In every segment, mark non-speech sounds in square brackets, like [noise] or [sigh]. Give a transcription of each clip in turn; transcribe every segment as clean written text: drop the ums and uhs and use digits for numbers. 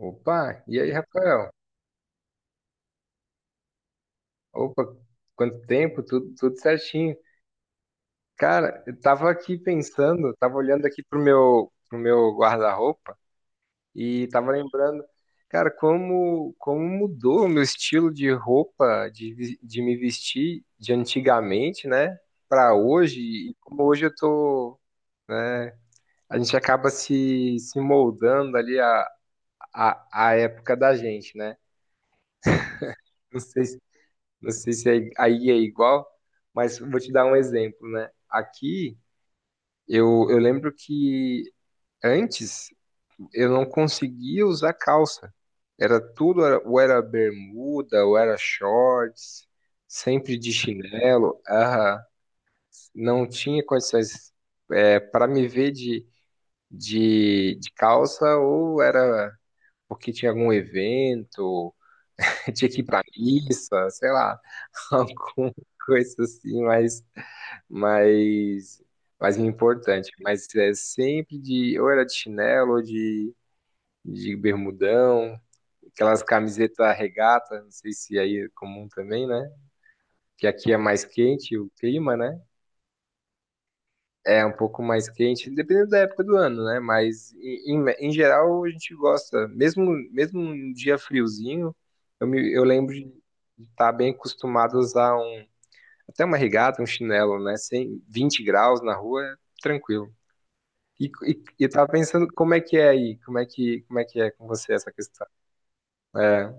Opa, e aí, Rafael? Opa, quanto tempo, tudo certinho. Cara, eu tava aqui pensando, tava olhando aqui pro meu guarda-roupa e tava lembrando, cara, como mudou o meu estilo de roupa, de me vestir de antigamente, né, pra hoje, e como hoje eu tô, né, a gente acaba se moldando ali à, à época da gente, né? Não sei Não sei se aí é igual, mas vou te dar um exemplo, né? Aqui, eu lembro que antes eu não conseguia usar calça. Era tudo, ou era bermuda, ou era shorts, sempre de chinelo. Aham. Não tinha condições para me ver de calça, ou era porque tinha algum evento, [laughs] tinha que ir para missa, sei lá, [laughs] alguma coisa assim, mas Mais importante. Mas é sempre de, ou era de chinelo, ou de bermudão, aquelas camisetas regata, não sei se aí é comum também, né? Que aqui é mais quente o clima, né? É um pouco mais quente, dependendo da época do ano, né? Mas em geral a gente gosta, mesmo um dia friozinho, eu lembro de estar bem acostumado a usar até uma regata, um chinelo, né? Sem 20 graus na rua, é tranquilo. E, e, e eu tava pensando como é que é aí, como é que é com você essa questão. É.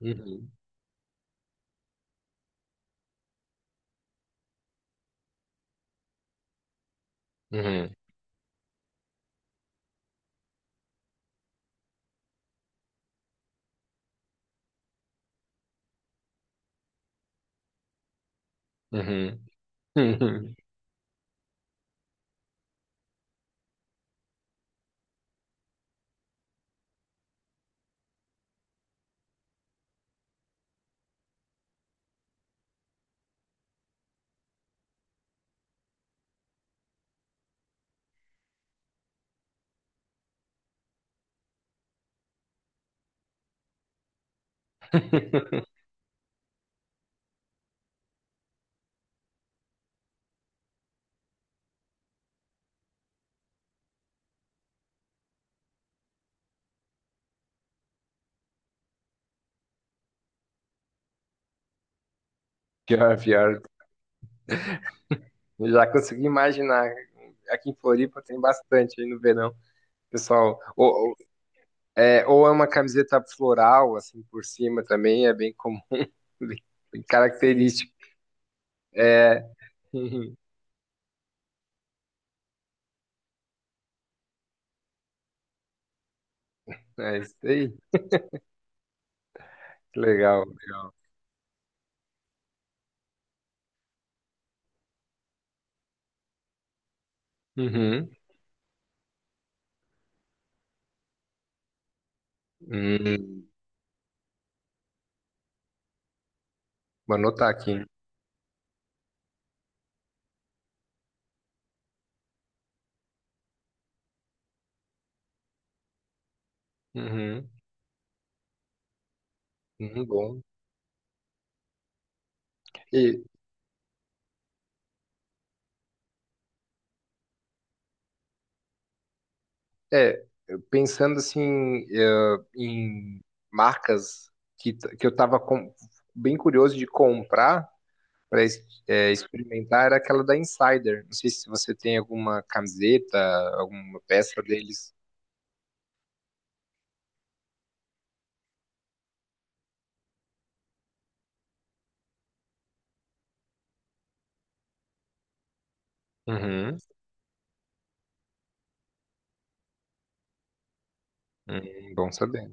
Uhum. Uhum. Uhum. Uhum. [laughs] Pior, pior. Eu já consegui imaginar. Aqui em Floripa tem bastante aí no verão. Pessoal, ou é uma camiseta floral, assim, por cima também, é bem comum, [laughs] bem, bem característico. Uhum. É isso aí. Que legal, legal. Uhum. Hum, Vou anotar aqui. Uhum. Uhum, bom. E, é, Pensando assim, em marcas que eu estava bem curioso de comprar para experimentar era aquela da Insider. Não sei se você tem alguma camiseta, alguma peça deles. Uhum, uhum, bom saber.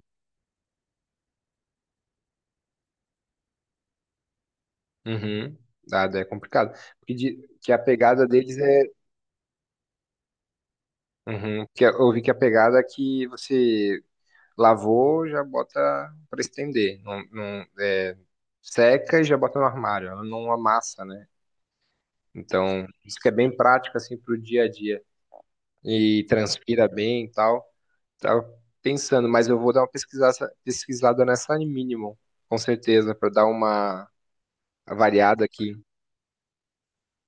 Uhum. Ah, daí é complicado. Porque que a pegada deles é. Uhum, eu vi que a pegada é que você lavou, já bota para estender. Não, não, seca e já bota no armário. Ela não amassa, né? Então, isso que é bem prático assim para o dia a dia e transpira bem e tal. Tava pensando, mas eu vou dar uma pesquisada nessa Minimum, com certeza, para dar uma variada aqui.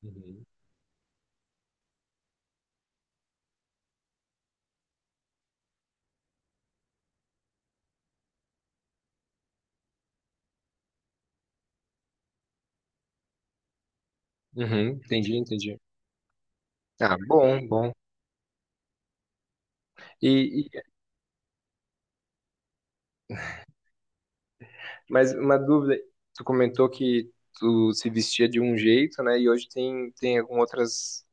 Uhum. Uhum, entendi, entendi. Ah, bom, bom. E, e mas uma dúvida, tu comentou que tu se vestia de um jeito, né? E hoje tem algumas outras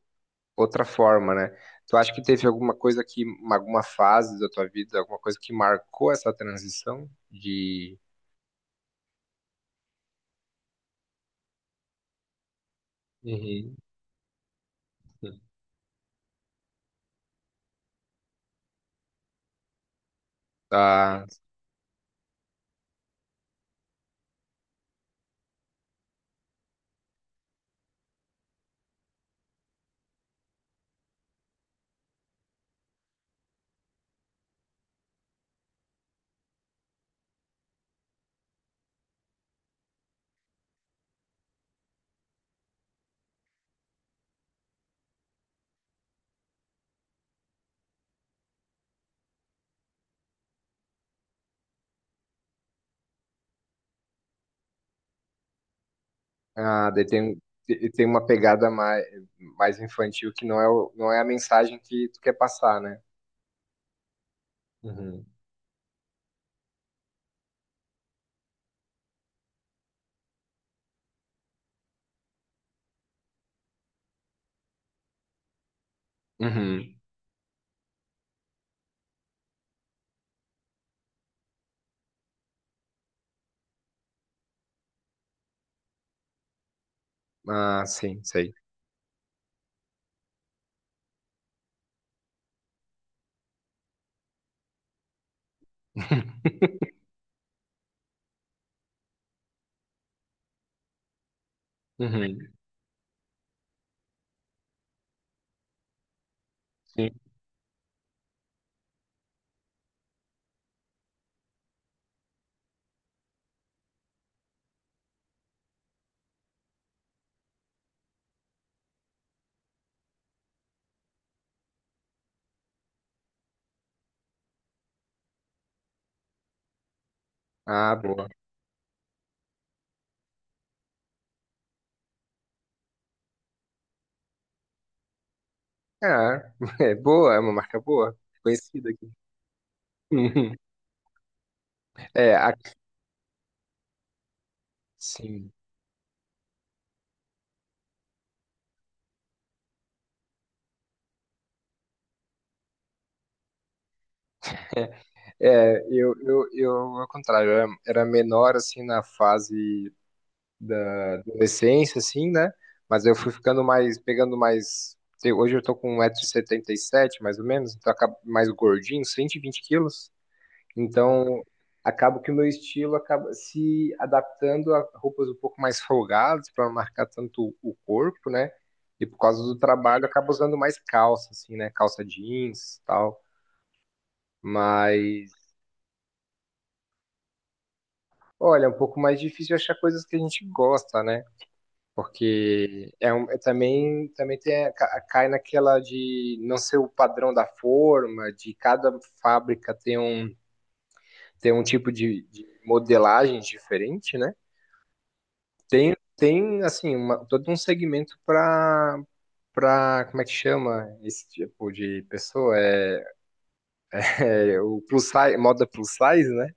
outra forma, né? Tu acha que teve alguma coisa que, alguma fase da tua vida, alguma coisa que marcou essa transição de. Uhum. da, ah, daí tem, e tem uma pegada mais infantil que não é a mensagem que tu quer passar, né? Uhum. Uhum. Ah, sim, sei. [laughs] Uhum. Sim. Ah, boa. É, [laughs] é boa, é uma marca boa, conhecida aqui. Uhum. É, sim. É, eu, ao contrário, eu era menor, assim, na fase da adolescência, assim, né? Mas eu fui ficando mais, pegando mais. Hoje eu tô com 1,77 m mais ou menos, então acabo mais gordinho, 120 quilos. Então, acabo que o meu estilo acaba se adaptando a roupas um pouco mais folgadas, para não marcar tanto o corpo, né? E por causa do trabalho, eu acabo usando mais calça, assim, né? Calça jeans e tal. Mas, olha, é um pouco mais difícil achar coisas que a gente gosta, né? Porque é também tem, cai naquela de não ser o padrão da forma, de cada fábrica ter um tipo de modelagem diferente, né? Tem assim, todo um segmento para, como é que chama esse tipo de pessoa? É o plus size, moda plus size, né?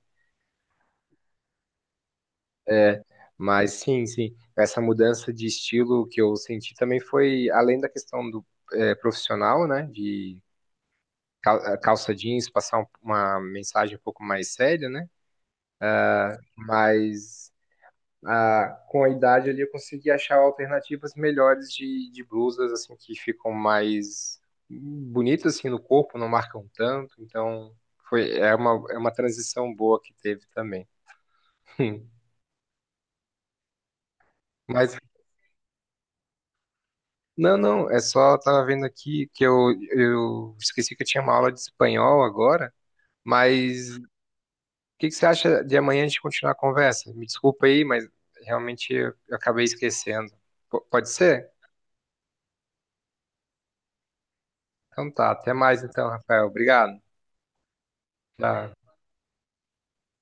Mas sim, sim, essa mudança de estilo que eu senti também foi além da questão do profissional, né, de calça jeans, passar uma mensagem um pouco mais séria, né, mas ah, com a idade ali eu consegui achar alternativas melhores de blusas, assim, que ficam mais bonitas, assim, no corpo, não marcam tanto, então é uma transição boa que teve também. [laughs] Mas Não, não, é só eu tava vendo aqui que eu esqueci que eu tinha uma aula de espanhol agora, mas o que que você acha de amanhã a gente continuar a conversa? Me desculpa aí, mas realmente eu acabei esquecendo. Pode ser? Então tá, até mais então, Rafael. Obrigado. Tchau.